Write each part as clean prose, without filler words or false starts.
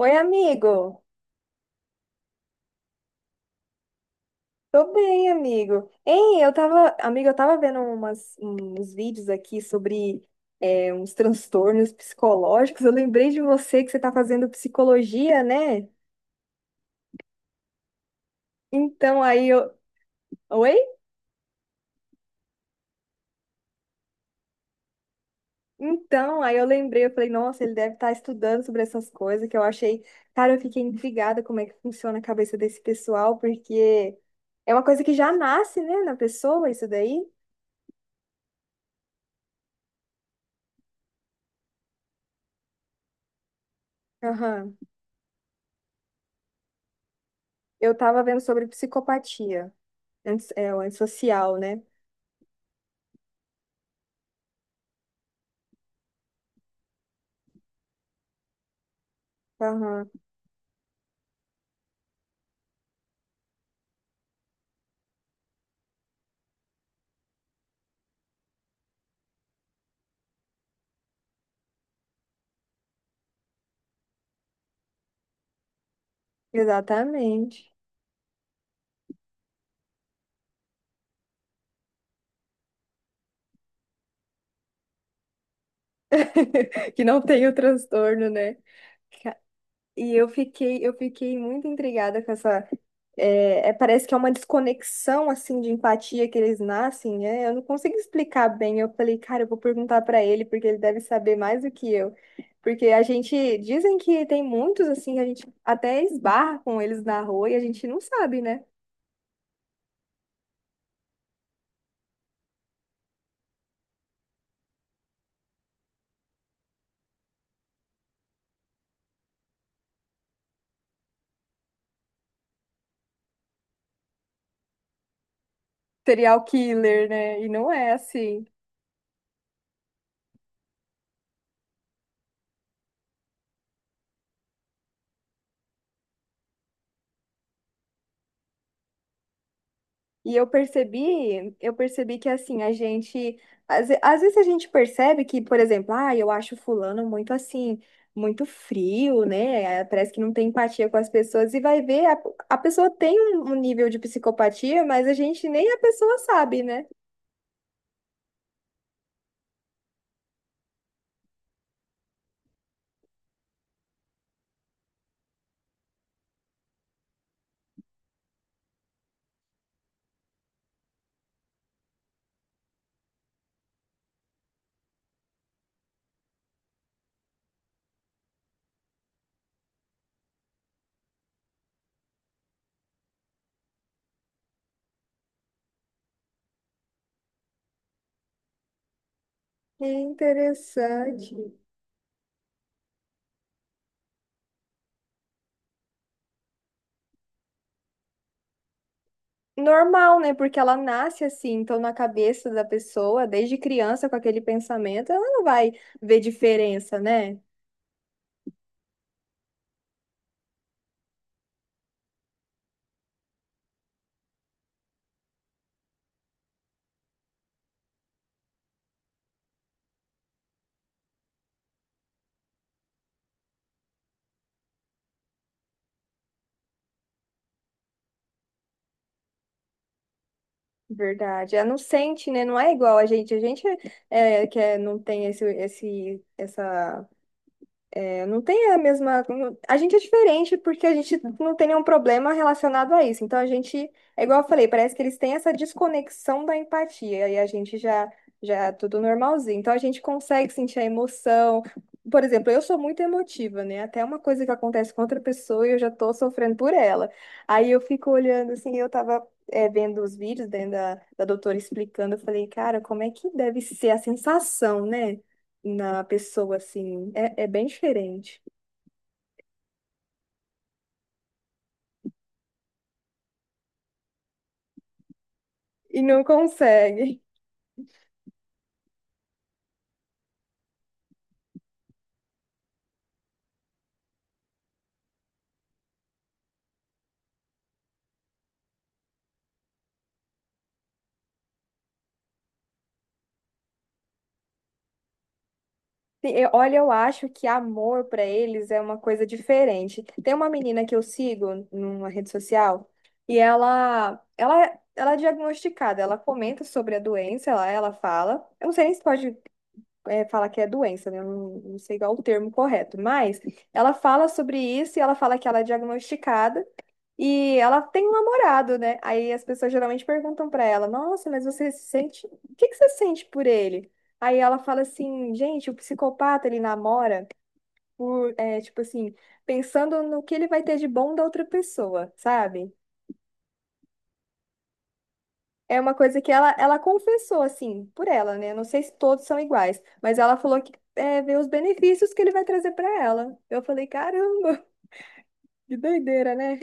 Oi, amigo. Tô bem, amigo. Ei, eu tava, amigo, eu tava vendo uns vídeos aqui sobre uns transtornos psicológicos. Eu lembrei de você que você tá fazendo psicologia, né? Então aí eu. Oi? Então, aí eu lembrei, eu falei, nossa, ele deve estar estudando sobre essas coisas que eu achei. Cara, eu fiquei intrigada como é que funciona a cabeça desse pessoal, porque é uma coisa que já nasce, né, na pessoa, isso daí. Aham. Eu tava vendo sobre psicopatia. É o antissocial, né? Aham, exatamente. Que não tem o transtorno, né? Ca- E eu fiquei muito intrigada com essa. Parece que é uma desconexão assim de empatia que eles nascem, né? Eu não consigo explicar bem. Eu falei, cara, eu vou perguntar pra ele, porque ele deve saber mais do que eu. Porque a gente dizem que tem muitos assim, a gente até esbarra com eles na rua e a gente não sabe, né? Serial killer, né? E não é assim. E eu percebi que assim, às vezes a gente percebe que, por exemplo, ah, eu acho fulano muito assim, muito frio, né? Eh, parece que não tem empatia com as pessoas e vai ver, a pessoa tem um nível de psicopatia, mas a gente nem a pessoa sabe, né? É interessante. Normal, né? Porque ela nasce assim, então na cabeça da pessoa, desde criança com aquele pensamento, ela não vai ver diferença, né? Verdade. Ela não sente, né? Não é igual a gente. A gente não tem essa não tem a mesma. A gente é diferente porque a gente não tem nenhum problema relacionado a isso. Então a gente, é igual eu falei, parece que eles têm essa desconexão da empatia e a gente já já é tudo normalzinho. Então a gente consegue sentir a emoção. Por exemplo, eu sou muito emotiva, né? Até uma coisa que acontece com outra pessoa e eu já tô sofrendo por ela. Aí eu fico olhando assim, eu tava vendo os vídeos né, da doutora explicando, eu falei, cara, como é que deve ser a sensação, né? Na pessoa, assim. É, é bem diferente. E não consegue. Sim, olha, eu acho que amor pra eles é uma coisa diferente. Tem uma menina que eu sigo numa rede social e ela é diagnosticada, ela comenta sobre a doença, ela fala. Eu não sei nem se pode, falar que é doença, né? Eu não sei qual o termo correto, mas ela fala sobre isso e ela fala que ela é diagnosticada. E ela tem um namorado, né? Aí as pessoas geralmente perguntam pra ela: "Nossa, mas você se sente. O que que você sente por ele?" Aí ela fala assim: "Gente, o psicopata ele namora por, é, tipo assim, pensando no que ele vai ter de bom da outra pessoa, sabe?" É uma coisa que ela confessou, assim, por ela, né? Não sei se todos são iguais, mas ela falou que é, vê os benefícios que ele vai trazer pra ela. Eu falei: "Caramba, que doideira, né?"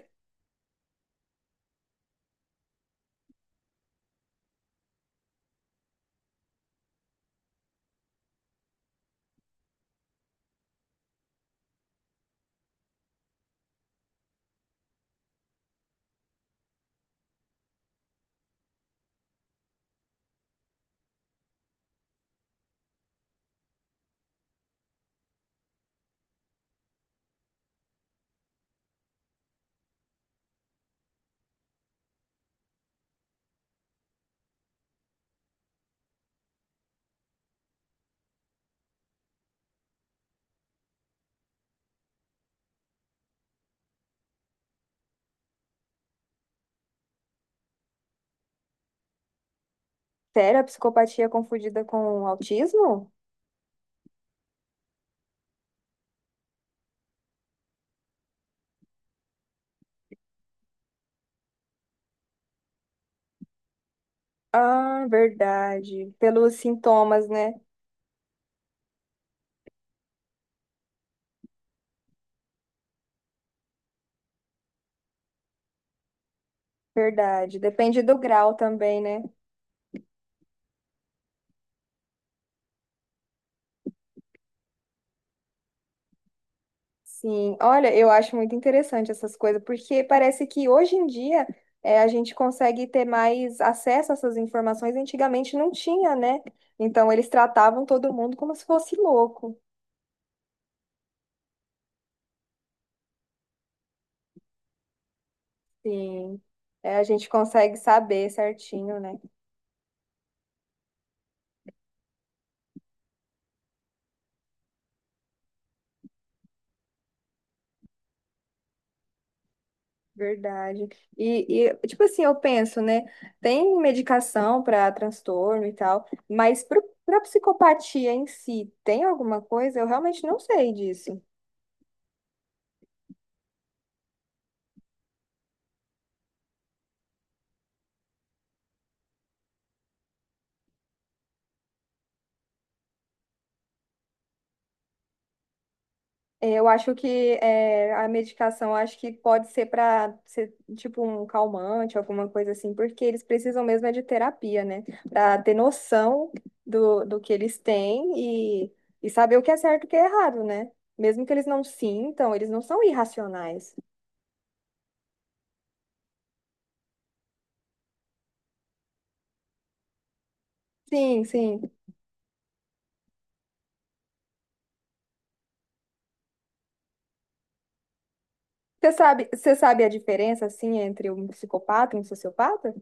Sério, a psicopatia é confundida com autismo? Ah, verdade. Pelos sintomas, né? Verdade. Depende do grau também, né? Sim. Olha, eu acho muito interessante essas coisas, porque parece que hoje em dia a gente consegue ter mais acesso a essas informações. Antigamente não tinha, né? Então eles tratavam todo mundo como se fosse louco. Sim. É, a gente consegue saber certinho, né? Verdade. E tipo assim, eu penso, né? Tem medicação para transtorno e tal, mas para psicopatia em si, tem alguma coisa? Eu realmente não sei disso. É, eu acho que é, a medicação eu acho que pode ser para ser tipo um calmante, alguma coisa assim, porque eles precisam mesmo é de terapia, né? Para ter noção do que eles têm e saber o que é certo e o que é errado, né? Mesmo que eles não sintam, eles não são irracionais. Sim, sim. Você sabe a diferença, assim, entre um psicopata e um sociopata?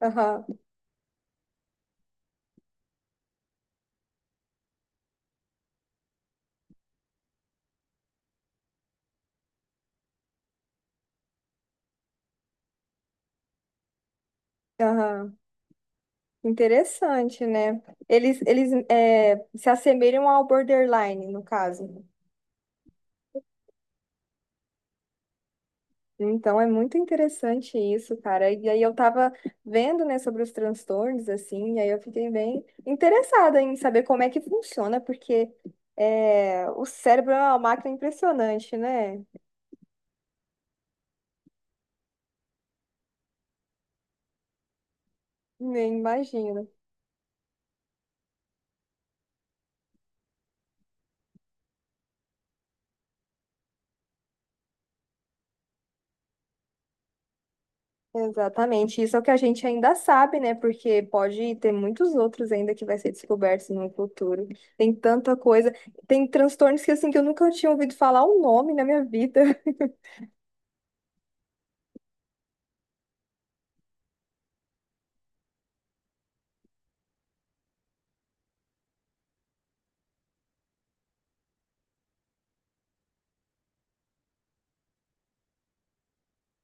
Aham, aham. Interessante, né? Eles é, se assemelham ao borderline, no caso. Então, é muito interessante isso, cara. E aí eu tava vendo, né, sobre os transtornos, assim, e aí eu fiquei bem interessada em saber como é que funciona, porque é, o cérebro é uma máquina impressionante, né? Nem imagino. Exatamente, isso é o que a gente ainda sabe, né? Porque pode ter muitos outros ainda que vai ser descobertos no futuro. Tem tanta coisa, tem transtornos que assim que eu nunca tinha ouvido falar o nome na minha vida.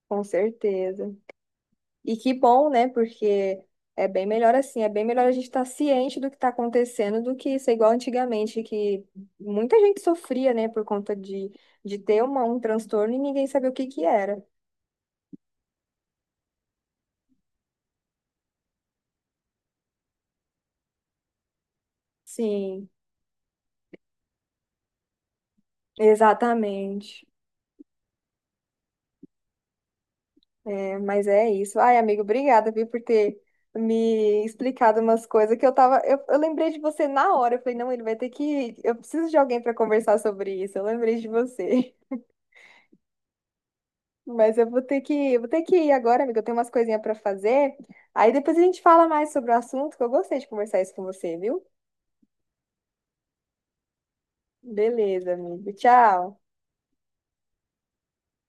Com certeza. E que bom, né? Porque é bem melhor assim, é bem melhor a gente estar ciente do que está acontecendo do que ser igual antigamente, que muita gente sofria, né, por conta de ter uma, um transtorno e ninguém sabia o que que era. Sim, exatamente. Mas é isso. Ai, amigo, obrigada, viu, por ter me explicado umas coisas que eu tava. Eu lembrei de você na hora. Eu falei, não, ele vai ter que. Eu preciso de alguém para conversar sobre isso. Eu lembrei de você. Mas eu vou ter vou ter que ir agora, amiga. Eu tenho umas coisinhas para fazer. Aí depois a gente fala mais sobre o assunto, que eu gostei de conversar isso com você, viu? Beleza, amigo. Tchau.